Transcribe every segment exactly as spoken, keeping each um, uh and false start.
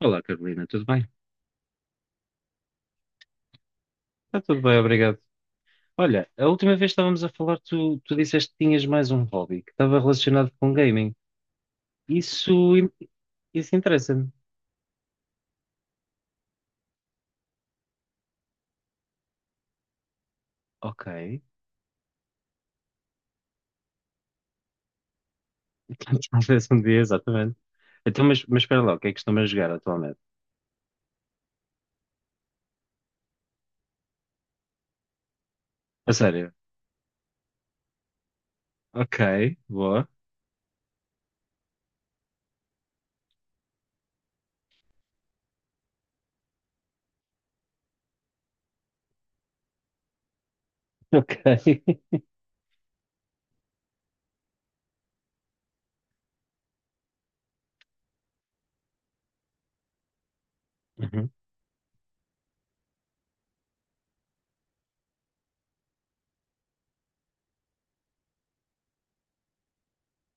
Olá, Carolina, tudo bem? Está tudo bem, obrigado. Olha, a última vez que estávamos a falar, tu, tu disseste que tinhas mais um hobby que estava relacionado com gaming. Isso, in- isso interessa-me. Ok. Talvez um dia, exatamente. Então, mas, mas espera lá, o que é que estão a jogar atualmente? A sério? Ok, boa. Ok. Uhum,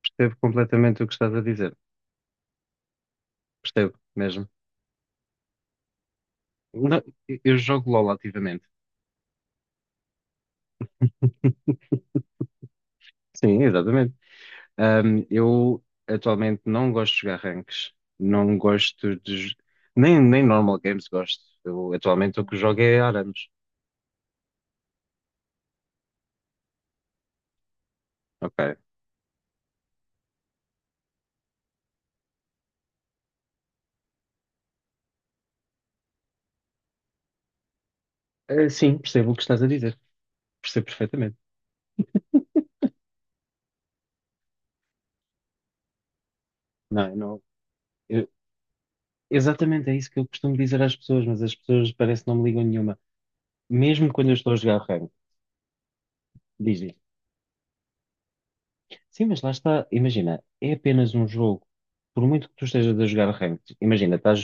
percebo completamente o que estás a dizer. Percebo mesmo. Não, eu eu jogo LOL ativamente. Sim, exatamente. Ahm, eu atualmente não gosto de jogar ranks, não gosto de. j- Nem, nem normal games gosto. Eu, atualmente o que jogo é Arames. Ok. Eh, sim, percebo o que estás a dizer. Percebo perfeitamente. Não, eu não. eu- exatamente é isso que eu costumo dizer às pessoas, mas as pessoas parece que não me ligam nenhuma. Mesmo quando eu estou a jogar rank, dizem: sim, mas lá está. Imagina, é apenas um jogo. Por muito que tu estejas a jogar rank, imagina, estás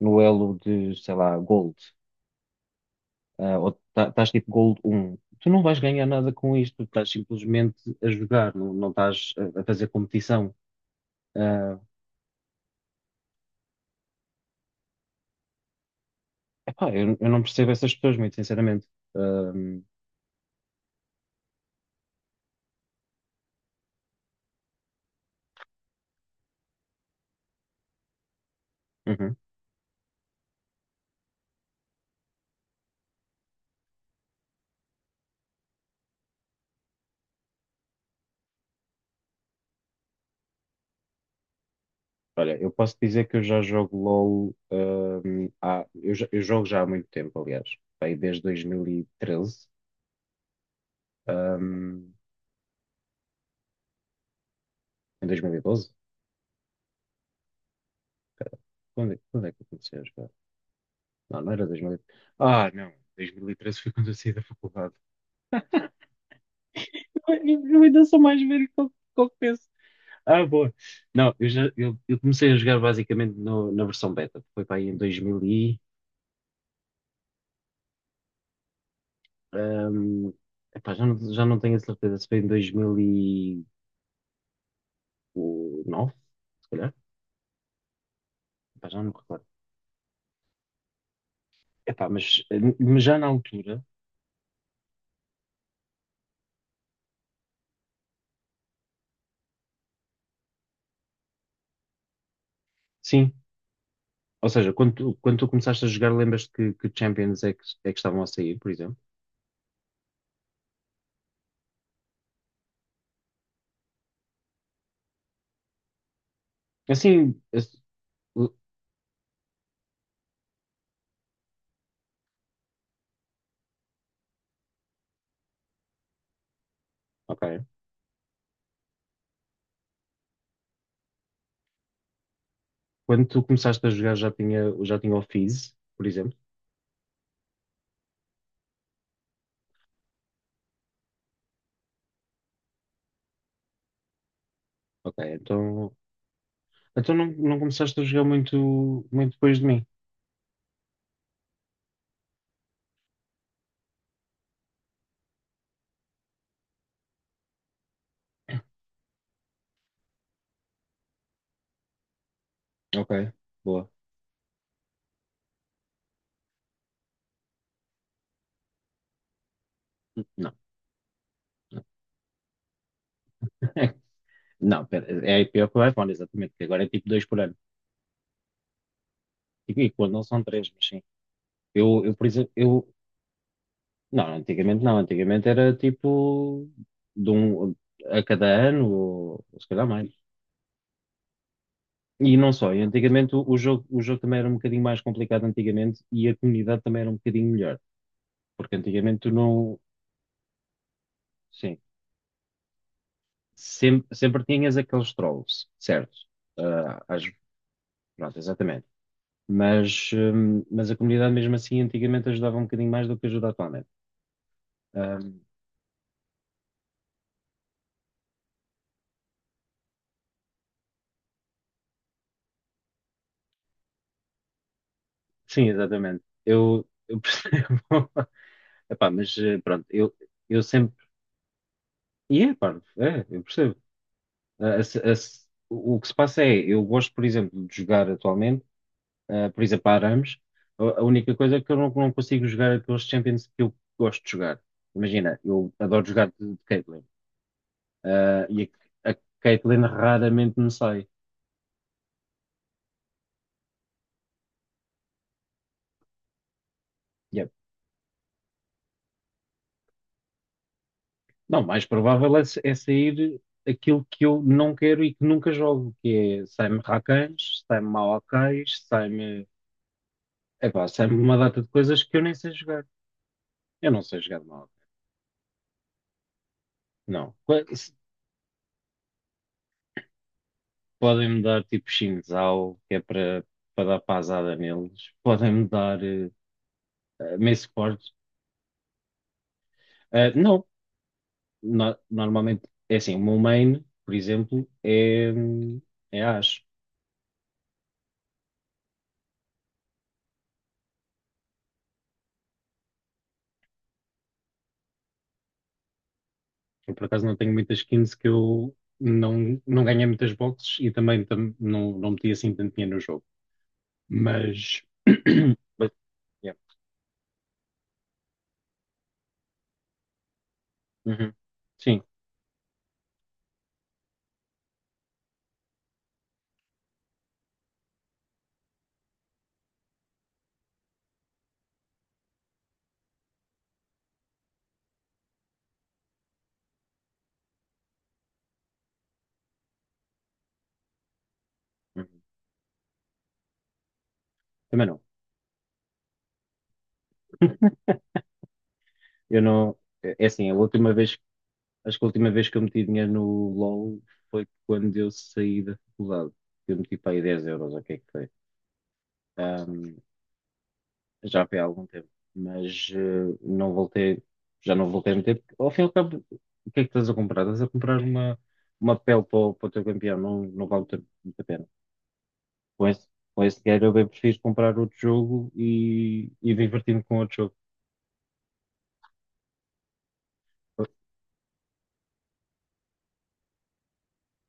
no elo de, sei lá, Gold. Ah, ou tá- estás tipo Gold um, tu não vais ganhar nada com isto, tu estás simplesmente a jogar, não, não estás a, a fazer competição. Ah, epá, eu, eu não percebo essas pessoas, muito sinceramente. Ahm, uhum. Olha, eu posso dizer que eu já jogo LOL, ahm, há- eu, já- eu jogo já há muito tempo, aliás, bem, desde dois mil e treze, ahm, em dois mil e doze. Quando é, quando é que eu comecei a jogar? Não, não era dois mil e treze. Ah, não, dois mil e treze foi quando eu saí da faculdade. Eu, eu ainda sou mais velho que qualquer... Ah, boa. Não, eu já eu, eu comecei a jogar basicamente no- na versão beta. Foi para aí em dois mil e... hum, epá, já não, já não tenho a certeza, se foi em dois mil e nove, se calhar. Epá, já não me recordo. Epá, mas, eh, mas já na altura, sim. Ou seja, quando tu, quando tu começaste a jogar, lembras-te que, que Champions é que, é que estavam a sair, por exemplo? Assim, esse- uh, ok. Quando tu começaste a jogar já tinha, já tinha o Fizz, por exemplo. Ok, então... Então não, não começaste a jogar muito, muito depois de mim? Ok, boa. Não, não. Não, pera, é pior que o iPhone, exatamente, que agora é tipo dois por ano. E, e quando não são três, mas sim. Eu, eu, por exemplo, eu. Não, antigamente não, antigamente era tipo de um a cada ano, ou, ou se calhar mais. E não só, e antigamente o, o jogo, o jogo também era um bocadinho mais complicado antigamente e a comunidade também era um bocadinho melhor. Porque antigamente tu não, sim, sempre, sempre tinhas aqueles trolls, certo? Ah, às... Pronto, exatamente. Mas, hum, mas a comunidade mesmo assim antigamente ajudava um bocadinho mais do que ajuda atualmente. Hum, sim, exatamente. Eu, eu percebo. Epá, mas eh, pronto, eu, eu sempre... E é, pá, é, eu percebo. Ah, a se- a se- O que se passa é, eu gosto, por exemplo, de jogar atualmente, ah, por exemplo, a Arames. A, a única coisa é que eu não, não consigo jogar aqueles Champions que eu gosto de jogar. Imagina, eu adoro jogar de, de Caitlyn. Ah, e a, a Caitlyn raramente me sai. Yeah. Não, mais provável é, é sair aquilo que eu não quero e que nunca jogo, que é sai-me Rakans, sai-me Maokais, sai-me... Epá, sai-me uma data de coisas que eu nem sei jogar. Eu não sei jogar de Maokai. Não. Po- se- Podem-me dar tipo Xin Zhao, que é para para dar pasada neles. Podem-me dar eh, eh, Mace Cord. Eh, não. No- normalmente, é assim, o meu main, por exemplo, é, hum, é Ashe. Eu, por acaso, não tenho muitas skins, que eu não, não ganhei muitas boxes e também tam- não, não meti assim tanto dinheiro no jogo. Mas. Mas, yeah. Uhum. Sim, uhum. Também não. Eu não. É é assim, a última vez... Acho que a última vez que eu meti dinheiro no LOL foi quando eu saí da faculdade. Eu meti para aí dez euros, ok que é que foi? Já foi há algum tempo, mas eh, não voltei, já não voltei a meter, porque ao fim e ao cabo, o que é que estás a comprar? Estás a comprar uma, uma pele para o, para o teu campeão, não, não vale muito, a muito a pena. Com esse, com esse dinheiro eu bem prefiro comprar outro jogo e, e divertir-me com outro jogo.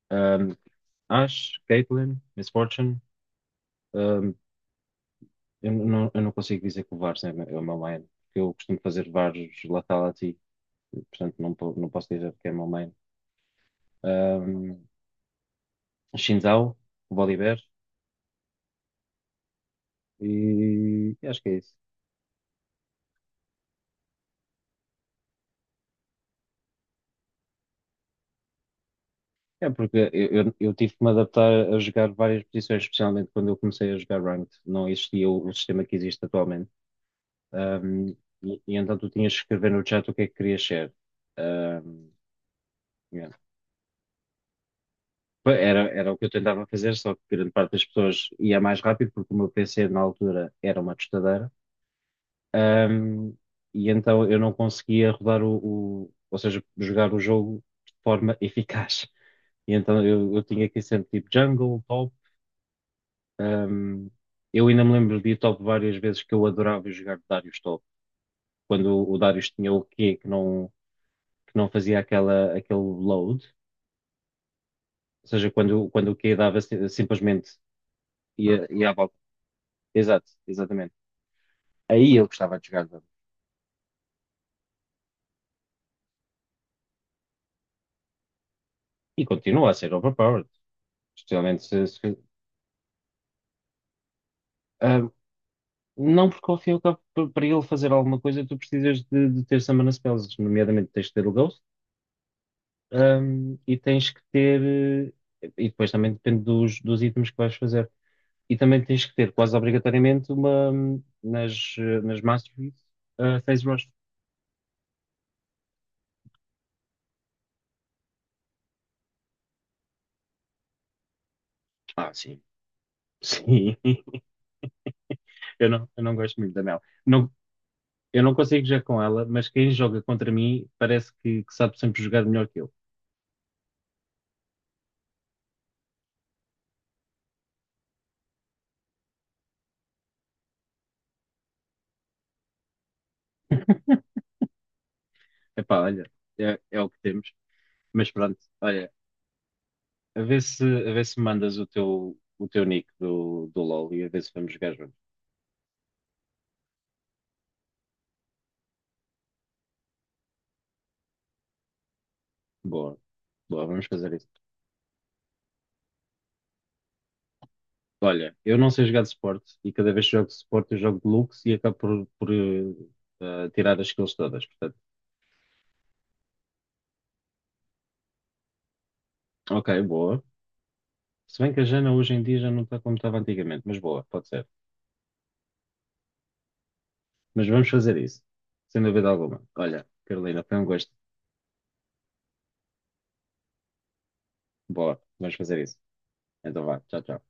Um, Ash, Caitlyn, Miss Fortune, um, eu não, eu não consigo dizer que o V A Rs é, o meu é o meu main, porque eu costumo fazer V A Rs Latalati, portanto não, po- não posso dizer que é o meu main. Um, Xin Zhao, o Volibear, e acho que é isso. É porque eu, eu, eu tive que me adaptar a jogar várias posições, especialmente quando eu comecei a jogar Ranked. Não existia o, o sistema que existe atualmente. Ahm, e, e então tu tinhas que escrever no chat o que é que querias ser. Ahm, yeah. Era, era o que eu tentava fazer, só que grande parte das pessoas ia mais rápido, porque o meu P C na altura era uma tostadeira. Ahm, e então eu não conseguia rodar o, o- ou seja, jogar o jogo de forma eficaz. E então eu, eu tinha aqui sempre tipo jungle, top. Um, eu ainda me lembro de ir top várias vezes, que eu adorava jogar Darius top. Quando o, o Darius tinha o Q que não, que não fazia aquela, aquele load. Ou seja, quando, quando o Q dava si- simplesmente ia, ia à volta. Exato, exatamente. Aí eu gostava de jogar Darius. E continua a ser overpowered. Especialmente se, se- um, não porque ao fim e ao cabo, pa- para ele fazer alguma coisa, tu precisas de, de ter summon spells, nomeadamente tens de ter o Ghost. Hum, e tens que ter, eh, e depois também depende dos, dos itens que vais fazer, e também tens que ter quase obrigatoriamente uma, hum, nas, eh, nas masteries, eh, phase rush. Ah, sim, sim, eu não, eu não gosto muito da Mel. Não, eu não consigo jogar com ela, mas quem joga contra mim parece que, que sabe sempre jogar melhor que eu. Epá, olha, é, é o que temos, mas pronto, olha, a ver se, a ver se me mandas o teu, o teu nick do, do LoL e a ver se vamos jogar juntos. Boa, boa, vamos fazer isso. Olha, eu não sei jogar de suporte e cada vez que jogo de suporte eu jogo de Lux e acabo por, por, eh, eh, tirar as skills todas. Portanto, ok, boa. Se bem que a Jana hoje em dia já não está como estava antigamente, mas boa, pode ser. Mas vamos fazer isso, sem dúvida alguma. Olha, Carolina, foi um gosto. Boa, vamos fazer isso. Então vá, tchau, tchau.